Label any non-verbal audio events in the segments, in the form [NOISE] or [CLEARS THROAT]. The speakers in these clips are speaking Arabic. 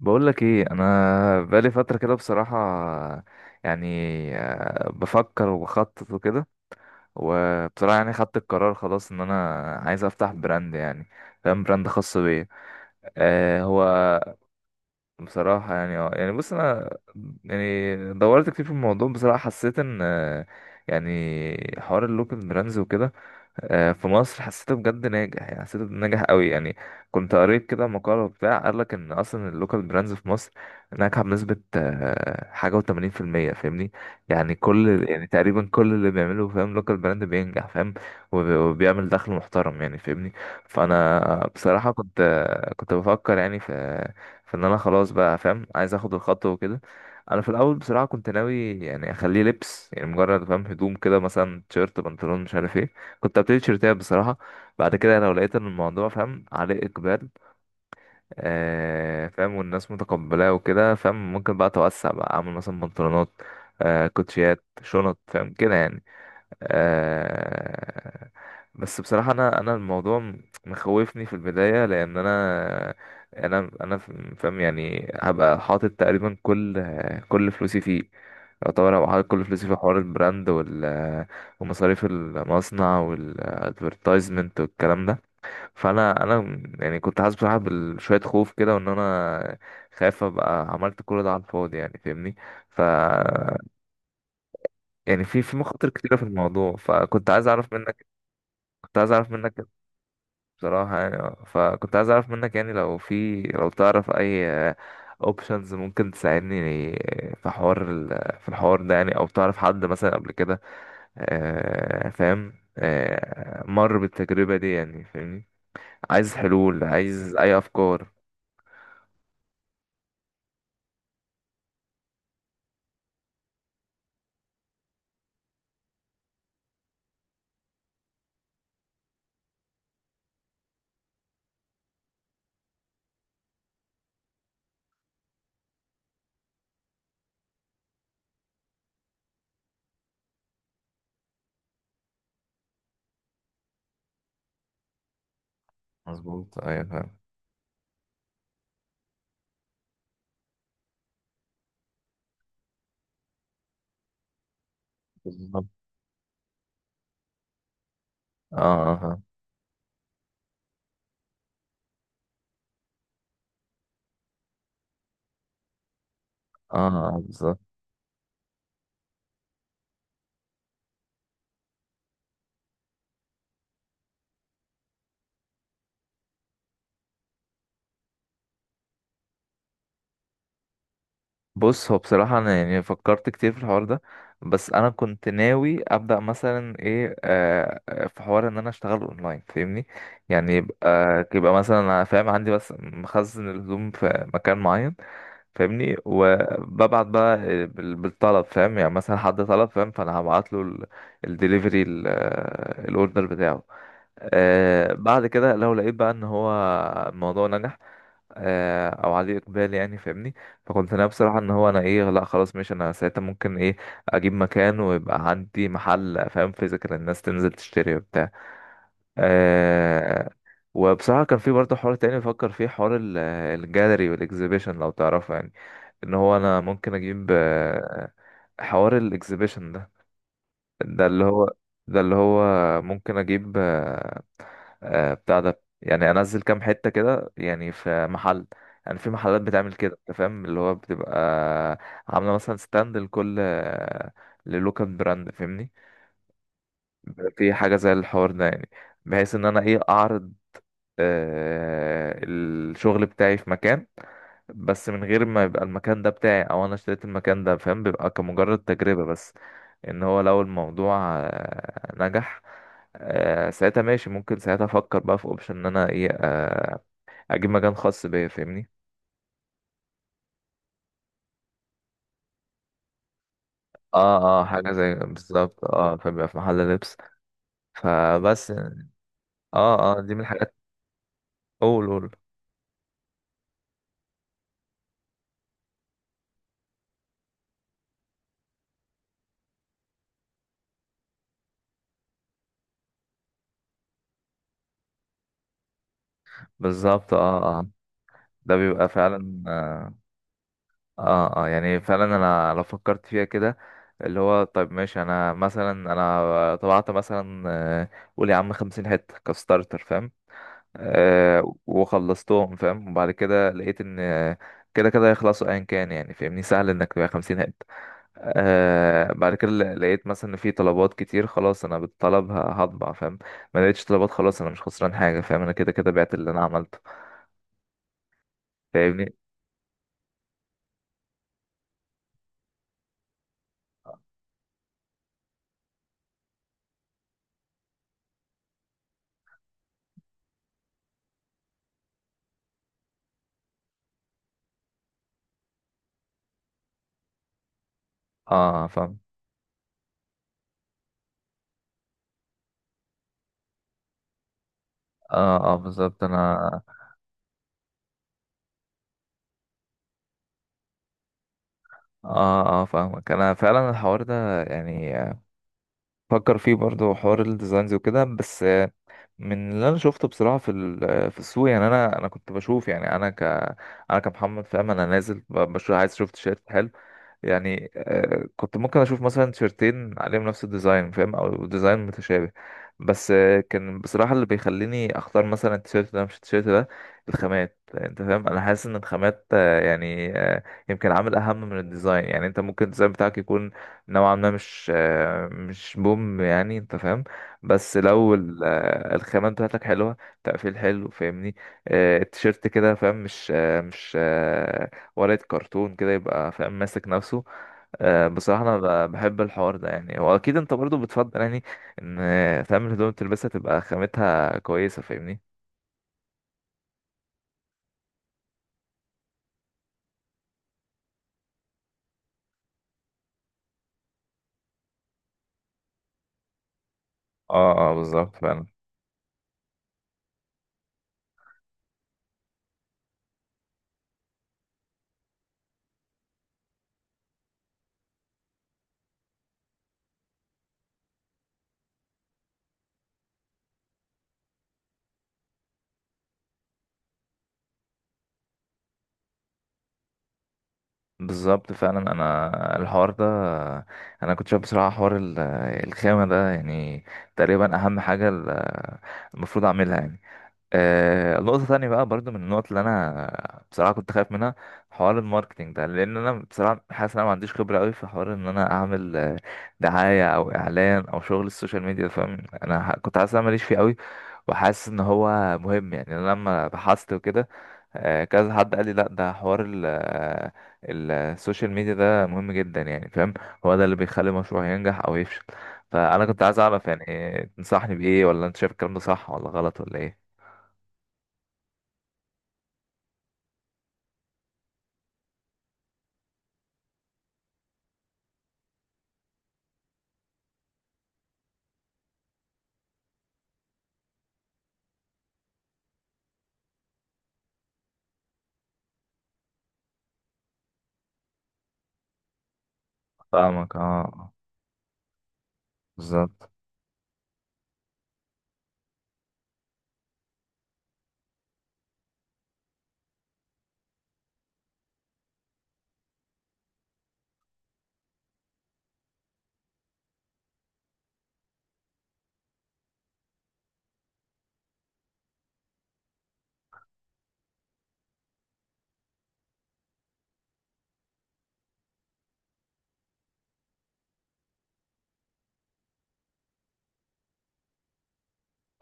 بقول لك ايه، انا بقالي فتره كده بصراحه. يعني بفكر وبخطط وكده. وبصراحه يعني خدت القرار خلاص ان انا عايز افتح براند يعني. فاهم، براند خاص بيا. هو بصراحة يعني يعني بص أنا. يعني دورت كتير في الموضوع، بصراحة حسيت إن يعني حوار اللوكال براندز وكده في مصر، حسيته بجد ناجح، يعني حسيته ناجح قوي يعني. كنت قريت كده مقالة، بتاع قال لك إن أصلا اللوكال براندز في مصر ناجحة بنسبة حاجة وتمانين في المية، فاهمني. يعني كل، يعني تقريبا كل اللي بيعمله فاهم لوكال براند بينجح، فاهم. وبيعمل دخل محترم يعني، فاهمني. فأنا بصراحة كنت بفكر يعني في، فان انا خلاص بقى فاهم عايز اخد الخطوه وكده. انا في الاول بصراحه كنت ناوي يعني اخليه لبس، يعني مجرد فاهم هدوم كده، مثلا تيشيرت بنطلون مش عارف ايه. كنت ابتدي تيشيرتات بصراحه. بعد كده لو لقيت ان الموضوع فاهم عليه اقبال، فاهم، والناس متقبلاه وكده، فاهم، ممكن بقى اتوسع بقى اعمل مثلا بنطلونات، كوتشيات، شنط، فاهم كده يعني. آه بس بصراحة أنا الموضوع مخوفني في البداية، لأن أنا فاهم يعني هبقى حاطط تقريبا كل فلوسي فيه. يعتبر هبقى حاطط كل فلوسي في حوار البراند ومصاريف المصنع والادفرتايزمنت والكلام ده. فأنا يعني كنت حاسس بصراحة بشوية خوف كده، وإن أنا خايف أبقى عملت كل ده على الفاضي يعني، فاهمني. ف يعني في مخاطر كتيرة في الموضوع، فكنت عايز أعرف منك كنت عايز اعرف منك بصراحة يعني. فكنت عايز اعرف منك يعني لو تعرف اي اوبشنز ممكن تساعدني في حوار في الحوار ده، يعني، او تعرف حد مثلا قبل كده فاهم، مر بالتجربة دي يعني، فاهمني. عايز حلول، عايز اي افكار. مظبوط، ايوه فاهم. بالظبط، اه اه، اه بالظبط. بص، هو بصراحة أنا يعني فكرت كتير في الحوار ده، بس أنا كنت ناوي أبدأ مثلا إيه في حوار إن أنا أشتغل أونلاين، فاهمني، يعني يبقى مثلا أنا فاهم عندي بس مخزن الهدوم في مكان معين، فاهمني، وببعت بقى بالطلب، فاهم، يعني مثلا حد طلب فاهم، فأنا هبعت له الدليفري، الأوردر بتاعه. بعد كده لو لقيت بقى إن هو الموضوع نجح، او عليه اقبال يعني، فاهمني. فكنت ناوي بصراحه ان هو انا ايه، لا خلاص ماشي انا ساعتها ممكن ايه اجيب مكان ويبقى عندي محل، فاهم، فيزيكال، الناس تنزل تشتري وبتاع. أه. وبصراحه كان في برضه حوار تاني بفكر فيه، حوار الجاليري والاكزيبيشن، لو تعرفه، يعني ان هو انا ممكن اجيب حوار الاكزيبيشن ده، ده اللي هو ده اللي هو ممكن اجيب بتاع ده يعني، انزل كام حته كده، يعني في محل، يعني في محلات بتعمل كده، انت فاهم اللي هو بتبقى عامله مثلا ستاند لكل للوكال براند، فاهمني، بيبقى في حاجه زي الحوار ده يعني، بحيث ان انا ايه اعرض الشغل بتاعي في مكان، بس من غير ما يبقى المكان ده بتاعي او انا اشتريت المكان ده، فاهم، بيبقى كمجرد تجربه بس، ان هو لو الموضوع نجح، ساعتها ماشي، ممكن ساعتها افكر بقى في اوبشن ان انا ايه اجيب مكان خاص بيا، فاهمني. اه اه، حاجه زي بالظبط، اه، فبيبقى في محل لبس. فبس اه. اه دي من الحاجات. اول، قول. بالظبط، اه اه، ده بيبقى فعلا اه اه يعني فعلا انا لو فكرت فيها كده، اللي هو طيب ماشي انا مثلا انا طبعت مثلا قول يا عم 50 حته كستارتر، فاهم، وخلصتهم، فاهم، وبعد كده لقيت ان كده كده هيخلصوا ايا كان يعني، فاهمني، سهل انك تبيع 50 هات. بعد كده لقيت مثلا ان في طلبات كتير، خلاص انا بالطلب هطبع، فاهم. ما لقيتش طلبات، خلاص انا مش خسران حاجه، فاهم، انا كده كده بعت اللي انا عملته، فاهمني. اه فاهم. اه اه، بالظبط، انا اه اه فاهمك. انا فعلا الحوار ده يعني فكر فيه برضو، حوار الديزاينز وكده، بس من اللي انا شفته بصراحه في في السوق، يعني انا كنت بشوف، يعني انا كمحمد فاهم، انا نازل بشوف عايز اشوف تيشيرت حلو، يعني كنت ممكن اشوف مثلا تيشرتين عليهم نفس الديزاين، فاهم، او ديزاين متشابه، بس كان بصراحة اللي بيخليني اختار مثلا التيشيرت ده مش التيشيرت ده الخامات. انت فاهم، انا حاسس ان الخامات يعني يمكن عامل اهم من الديزاين، يعني انت ممكن الديزاين بتاعك يكون نوعا ما مش بوم، يعني انت فاهم، بس لو الخامات بتاعتك حلوة، تقفيل حلو، فاهمني، التيشيرت كده، فاهم، مش ورقة كرتون كده، يبقى فاهم ماسك نفسه. بصراحة أنا بحب الحوار ده يعني، وأكيد أنت برضو بتفضل يعني، إن فاهم الهدوم تلبسها تبقى خامتها كويسة، فاهمني. اه اه، بالظبط فعلا. بالظبط فعلا أنا الحوار ده، أنا كنت شايف بصراحة حوار الخامة ده، يعني تقريبا أهم حاجة المفروض أعملها يعني. نقطة تانية بقى برضو من النقط اللي أنا بصراحة كنت خايف منها، حوار الماركتينج ده، لأن أنا بصراحة حاسس إن أنا ما عنديش خبرة أوي في حوار إن أنا أعمل دعاية أو إعلان أو شغل السوشيال ميديا، فاهم. أنا كنت حاسس إن أنا ماليش فيه أوي، وحاسس إن هو مهم، يعني أنا لما بحثت وكده كذا حد قال لي، لأ ده حوار السوشيال ميديا ده مهم جدا يعني، فاهم، هو ده اللي بيخلي مشروع ينجح أو يفشل. فأنا كنت عايز أعرف يعني تنصحني بإيه، ولا أنت شايف الكلام ده صح ولا غلط ولا إيه؟ فاهمك، اه بالظبط.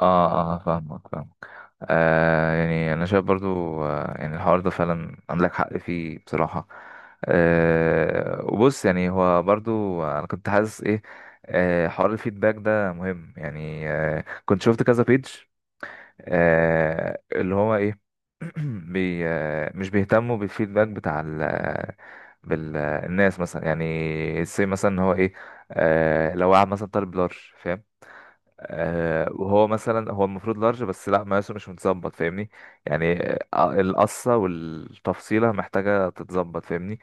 اه اه فاهمك فاهمك. يعني انا شايف برضو يعني الحوار ده فعلا عندك حق فيه، بصراحة. وبص، يعني هو برضو انا كنت حاسس ايه، حوار الفيدباك ده مهم يعني، كنت شفت كذا بيج اللي هو ايه، [CLEARS THROAT] بي آه مش بيهتموا بالفيدباك بتاع ال آه، بالناس مثلا يعني، زي مثلا هو ايه، لو واحد مثلا طالب لارج فاهم، وهو مثلا هو المفروض لارج، بس لا مقاسه مش متظبط، فاهمني، يعني القصة والتفصيلة محتاجة تتظبط، فاهمني.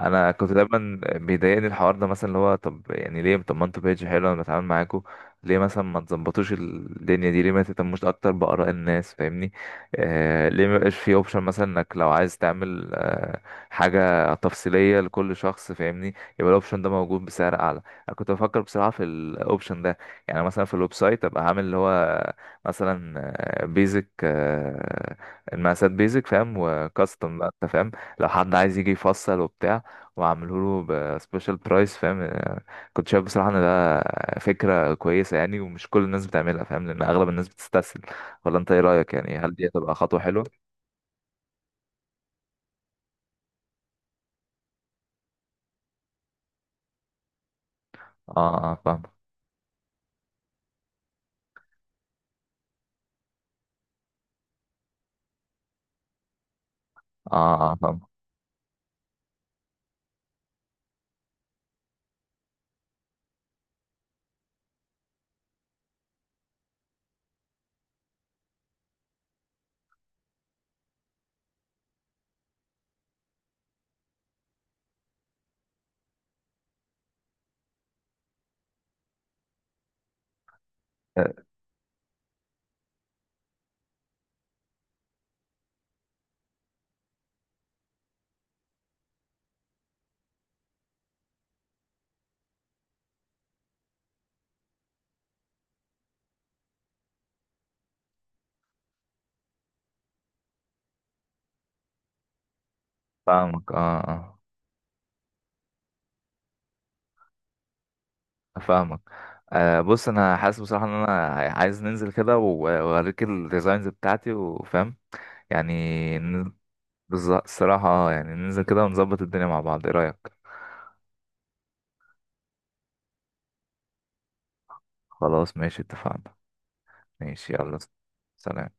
انا كنت دايما بيضايقني الحوار ده، مثلا اللي هو طب يعني ليه، طب ما انتوا بيج حلو انا بتعامل معاكوا، ليه مثلا ما تظبطوش الدنيا دي، ليه ما تهتموش اكتر بآراء الناس، فاهمني. ليه ما يبقاش في اوبشن مثلا انك لو عايز تعمل حاجة تفصيلية لكل شخص، فاهمني، يبقى الاوبشن ده موجود بسعر اعلى. انا كنت بفكر بصراحة في الاوبشن ده، يعني مثلا في الويب سايت ابقى عامل اللي هو مثلا بيزك، المقاسات بيزك، فاهم، وكاستم بقى انت فاهم، لو حد عايز يجي يفصل وبتاع وعامله له بسبيشال برايس، فاهم. كنت شايف بصراحة ان ده فكرة كويسة يعني، ومش كل الناس بتعملها فاهم، لان اغلب الناس بتستسهل. ولا انت ايه رأيك، يعني هل دي هتبقى خطوة حلوة؟ اه اه فاهم. اه اه فاهم. آه، آه، فاهمك. اه اه فاهمك. بص انا حاسس بصراحه ان انا عايز ننزل كده واوريك الديزاينز بتاعتي، وفاهم يعني، ن- بالظبط. الصراحه يعني ننزل كده ونظبط الدنيا مع بعض، ايه رايك؟ خلاص ماشي، اتفقنا. ماشي، يلا. سلام.